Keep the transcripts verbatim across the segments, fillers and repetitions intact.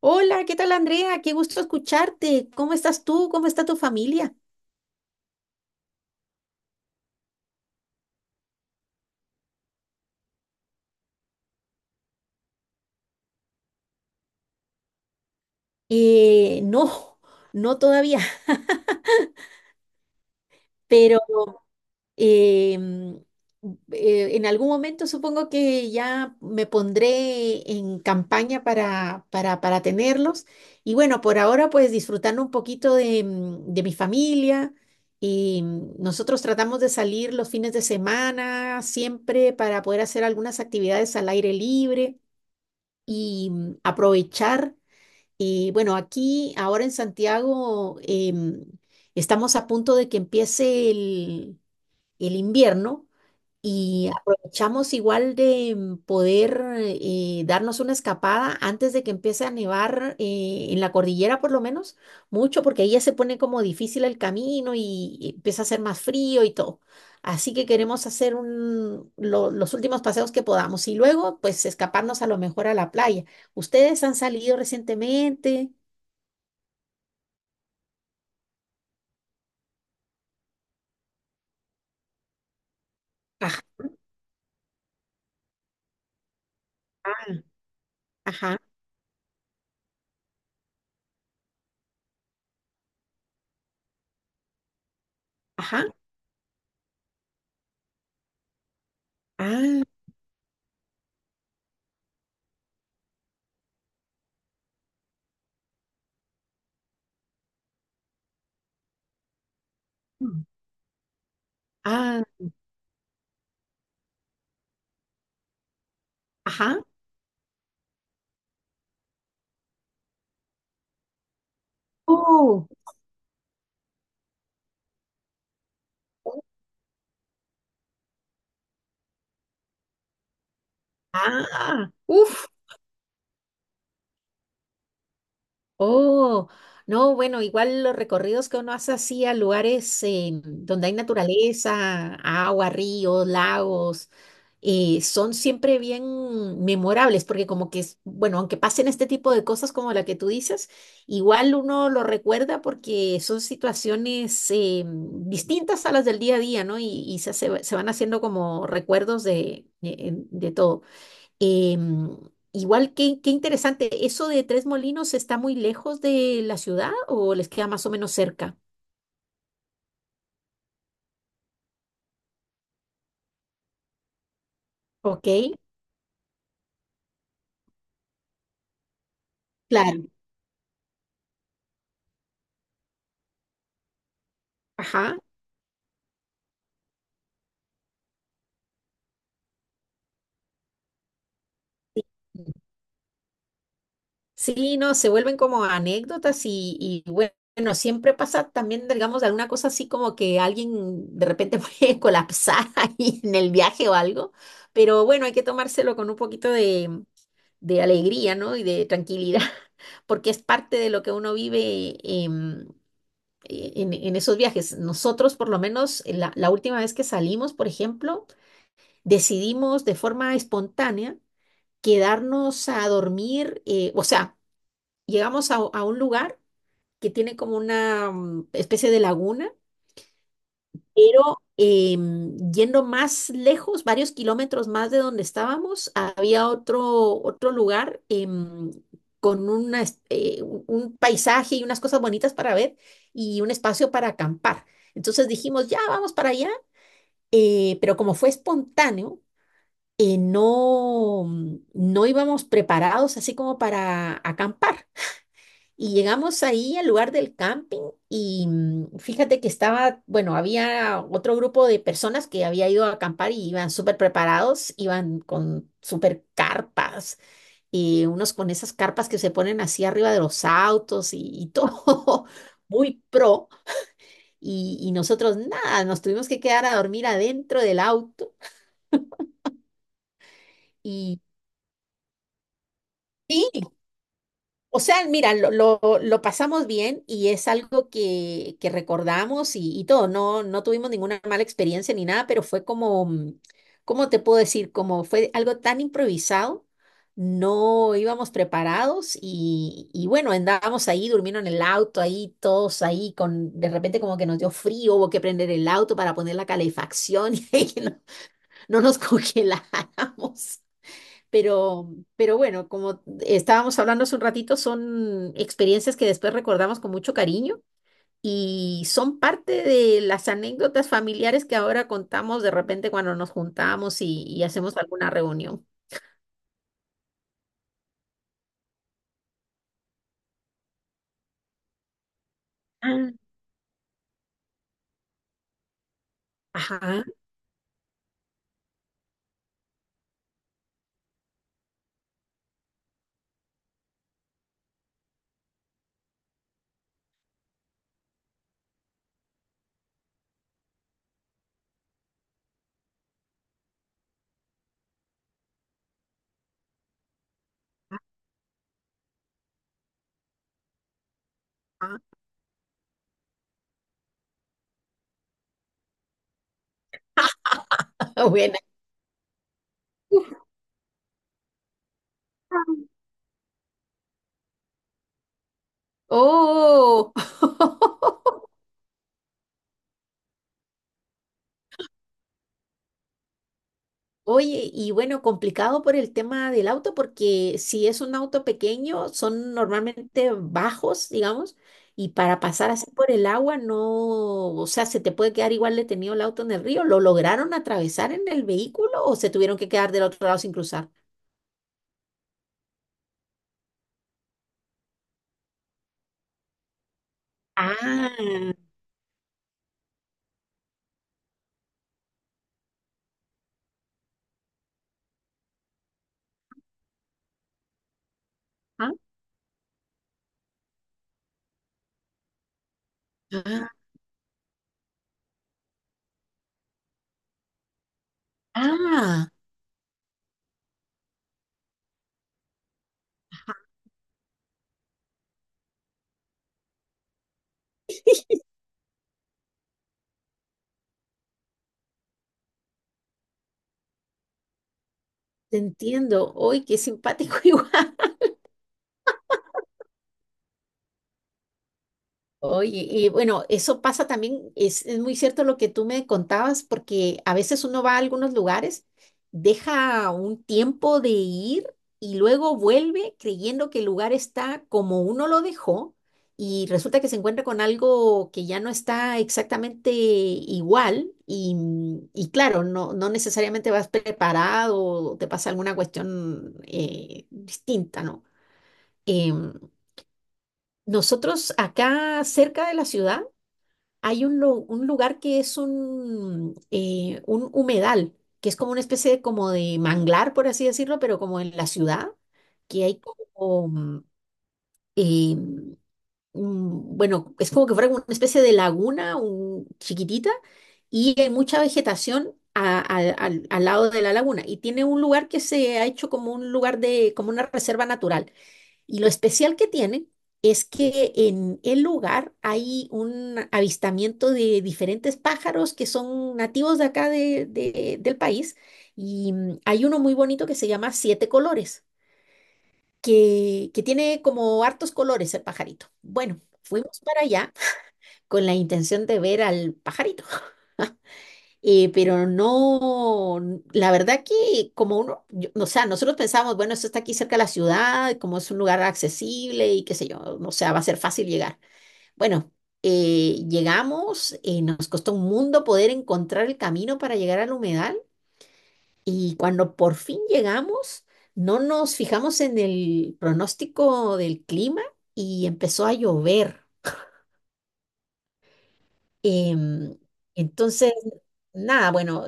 Hola, ¿qué tal Andrea? Qué gusto escucharte. ¿Cómo estás tú? ¿Cómo está tu familia? Eh, no, no todavía, pero eh, mm, eh, en algún momento supongo que ya me pondré en campaña para, para, para tenerlos. Y bueno, por ahora pues disfrutando un poquito de, mm, de mi familia. Y mm, nosotros tratamos de salir los fines de semana siempre para poder hacer algunas actividades al aire libre. Y mm, aprovechar. Eh, bueno, aquí ahora en Santiago em, estamos a punto de que empiece el, el invierno y aprovechamos igual de mm, poder eh, darnos una escapada antes de que empiece a nevar eh, en la cordillera, por lo menos, mucho, porque ahí ya se pone como difícil el camino y empieza a hacer más frío y todo. Así que queremos hacer un, lo- los últimos paseos que podamos y luego, pues, escaparnos a lo mejor a la playa. ¿Ustedes han salido recientemente? Ajá, ajá, ajá. Ah, ah, ajá. Oh. Ah, uff. Oh, no, bueno, igual los recorridos que uno hace así a lugares eh, donde hay naturaleza, agua, ríos, lagos, eh, son siempre bien memorables, porque como que, es- bueno, aunque pasen este tipo de cosas como la que tú dices, igual uno lo recuerda porque son situaciones eh, distintas a las del día a día, ¿no? Y, y se, hace- se van haciendo como recuerdos de, de de todo. Em, Igual, qué, qué interesante. ¿Eso de Tres Molinos está muy lejos de la ciudad o les queda más o menos cerca? Ok, claro. Ajá. Sí, sí, no, se vuelven como anécdotas y, y bue- bueno, siempre pasa también, digamos, alguna cosa así como que alguien de repente puede colapsar ahí en el viaje o algo, pero bueno, hay que tomárselo con un poquito de, de alegría, ¿no? Y de tranquilidad, porque es parte de lo que uno vive. em, eh, en, en esos viajes, nosotros, por lo menos, en la, la última vez que salimos, por ejemplo, decidimos de forma espontánea quedarnos a dormir. Eh, o sea, llegamos a, a un lugar que tiene como una mm, especie de laguna, pero em, yendo más lejos, varios kilómetros más de donde estábamos, había otro, otro lugar em, con una es- eh, un un paisaje y unas cosas bonitas para ver y un espacio para acampar. Entonces dijimos, ya vamos para allá, eh, pero como fue espontáneo, eh, no, no íbamos preparados así como para acampar. Y llegamos ahí al lugar del camping y mm, fíjate que estaba, bueno, había otro grupo de personas que había ido a acampar y iban súper preparados, iban con súper carpas, y unos con esas carpas que se ponen así arriba de los autos y, y todo muy pro. Y, y nosotros nada, nos tuvimos que quedar a dormir adentro del auto y sí. O sea, mira, lo, lo- lo pasamos bien y es algo que, que recordamos y, y todo. No, no tuvimos ninguna mala experiencia ni nada, pero fue como, mm, ¿cómo te puedo decir? Como fue algo tan improvisado, no íbamos preparados y, y bueno, andábamos ahí, durmiendo en el auto, ahí todos ahí, con de repente como que nos dio frío, hubo que prender el auto para poner la calefacción y que no, no nos congeláramos. Pero, pero bueno, como estábamos hablando hace un ratito, son experiencias que después recordamos con mucho cariño y son parte de las anécdotas familiares que ahora contamos de repente cuando nos juntamos y, y hacemos alguna reunión. Ah, ajá, ah, buena. Oh, oye, y bueno, complicado por el tema del auto, porque si es un auto pequeño, son normalmente bajos, digamos, y para pasar así por el agua, no, o sea, se te puede quedar igual detenido el auto en el río. ¿Lo lograron atravesar en el vehículo o se tuvieron que quedar del otro lado sin cruzar? Ah, ah, ah, ah, te entiendo. Uy, qué simpático igual. Oye, y bueno, eso pasa también, es, es muy cierto lo que tú me contabas, porque a veces uno va a algunos lugares, deja un tiempo de ir y luego vuelve creyendo que el lugar está como uno lo dejó y resulta que se encuentra con algo que ya no está exactamente igual y, y claro, no, no necesariamente vas preparado o te pasa alguna cuestión eh, distinta, ¿no? Em, Nosotros acá cerca de la ciudad, hay un, lu- un lugar que es un, eh, un humedal, que es como una especie de, como de manglar, por así decirlo, pero como en la ciudad, que hay como, mm, eh, mm, bueno, es como que fuera como una especie de laguna un- chiquitita y hay mucha vegetación a- al al- al lado de la laguna y tiene un lugar que se ha hecho como un lugar de, como una reserva natural. Y lo especial que tienen es que en el lugar hay un avistamiento de diferentes pájaros que son nativos de acá de- de- del país. Y mm, hay uno muy bonito que se llama Siete Colores, que, que tiene como hartos colores el pajarito. Bueno, fuimos para allá con la intención de ver al pajarito. Eh, pero no, la verdad que como uno, yo- o sea, nosotros pensamos, bueno, esto está aquí cerca de la ciudad, como es un lugar accesible y qué sé yo, o sea, va a ser fácil llegar. Bueno, eh, llegamos, eh, nos costó un mundo poder encontrar el camino para llegar al humedal y cuando por fin llegamos, no nos fijamos en el pronóstico del clima y empezó a llover. Em, entonces, nada, bueno,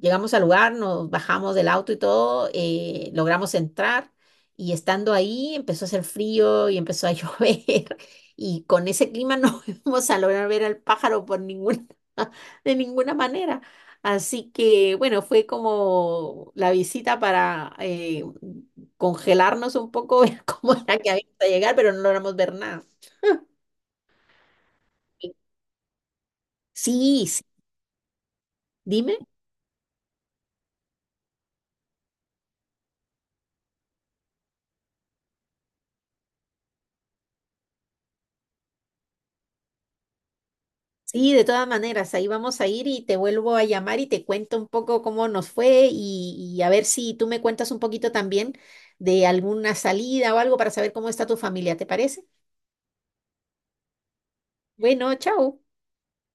llegamos al lugar, nos bajamos del auto y todo, eh, logramos entrar y estando ahí empezó a hacer frío y empezó a llover y con ese clima no íbamos a lograr ver al pájaro por ninguna, de ninguna manera. Así que, bueno, fue como la visita para eh, congelarnos un poco, ver cómo era que habíamos a llegar, pero no logramos ver nada. Sí, sí, dime. Sí, de todas maneras, ahí vamos a ir y te vuelvo a llamar y te cuento un poco cómo nos fue y, y a ver si tú me cuentas un poquito también de alguna salida o algo para saber cómo está tu familia, ¿te parece? Bueno, chao.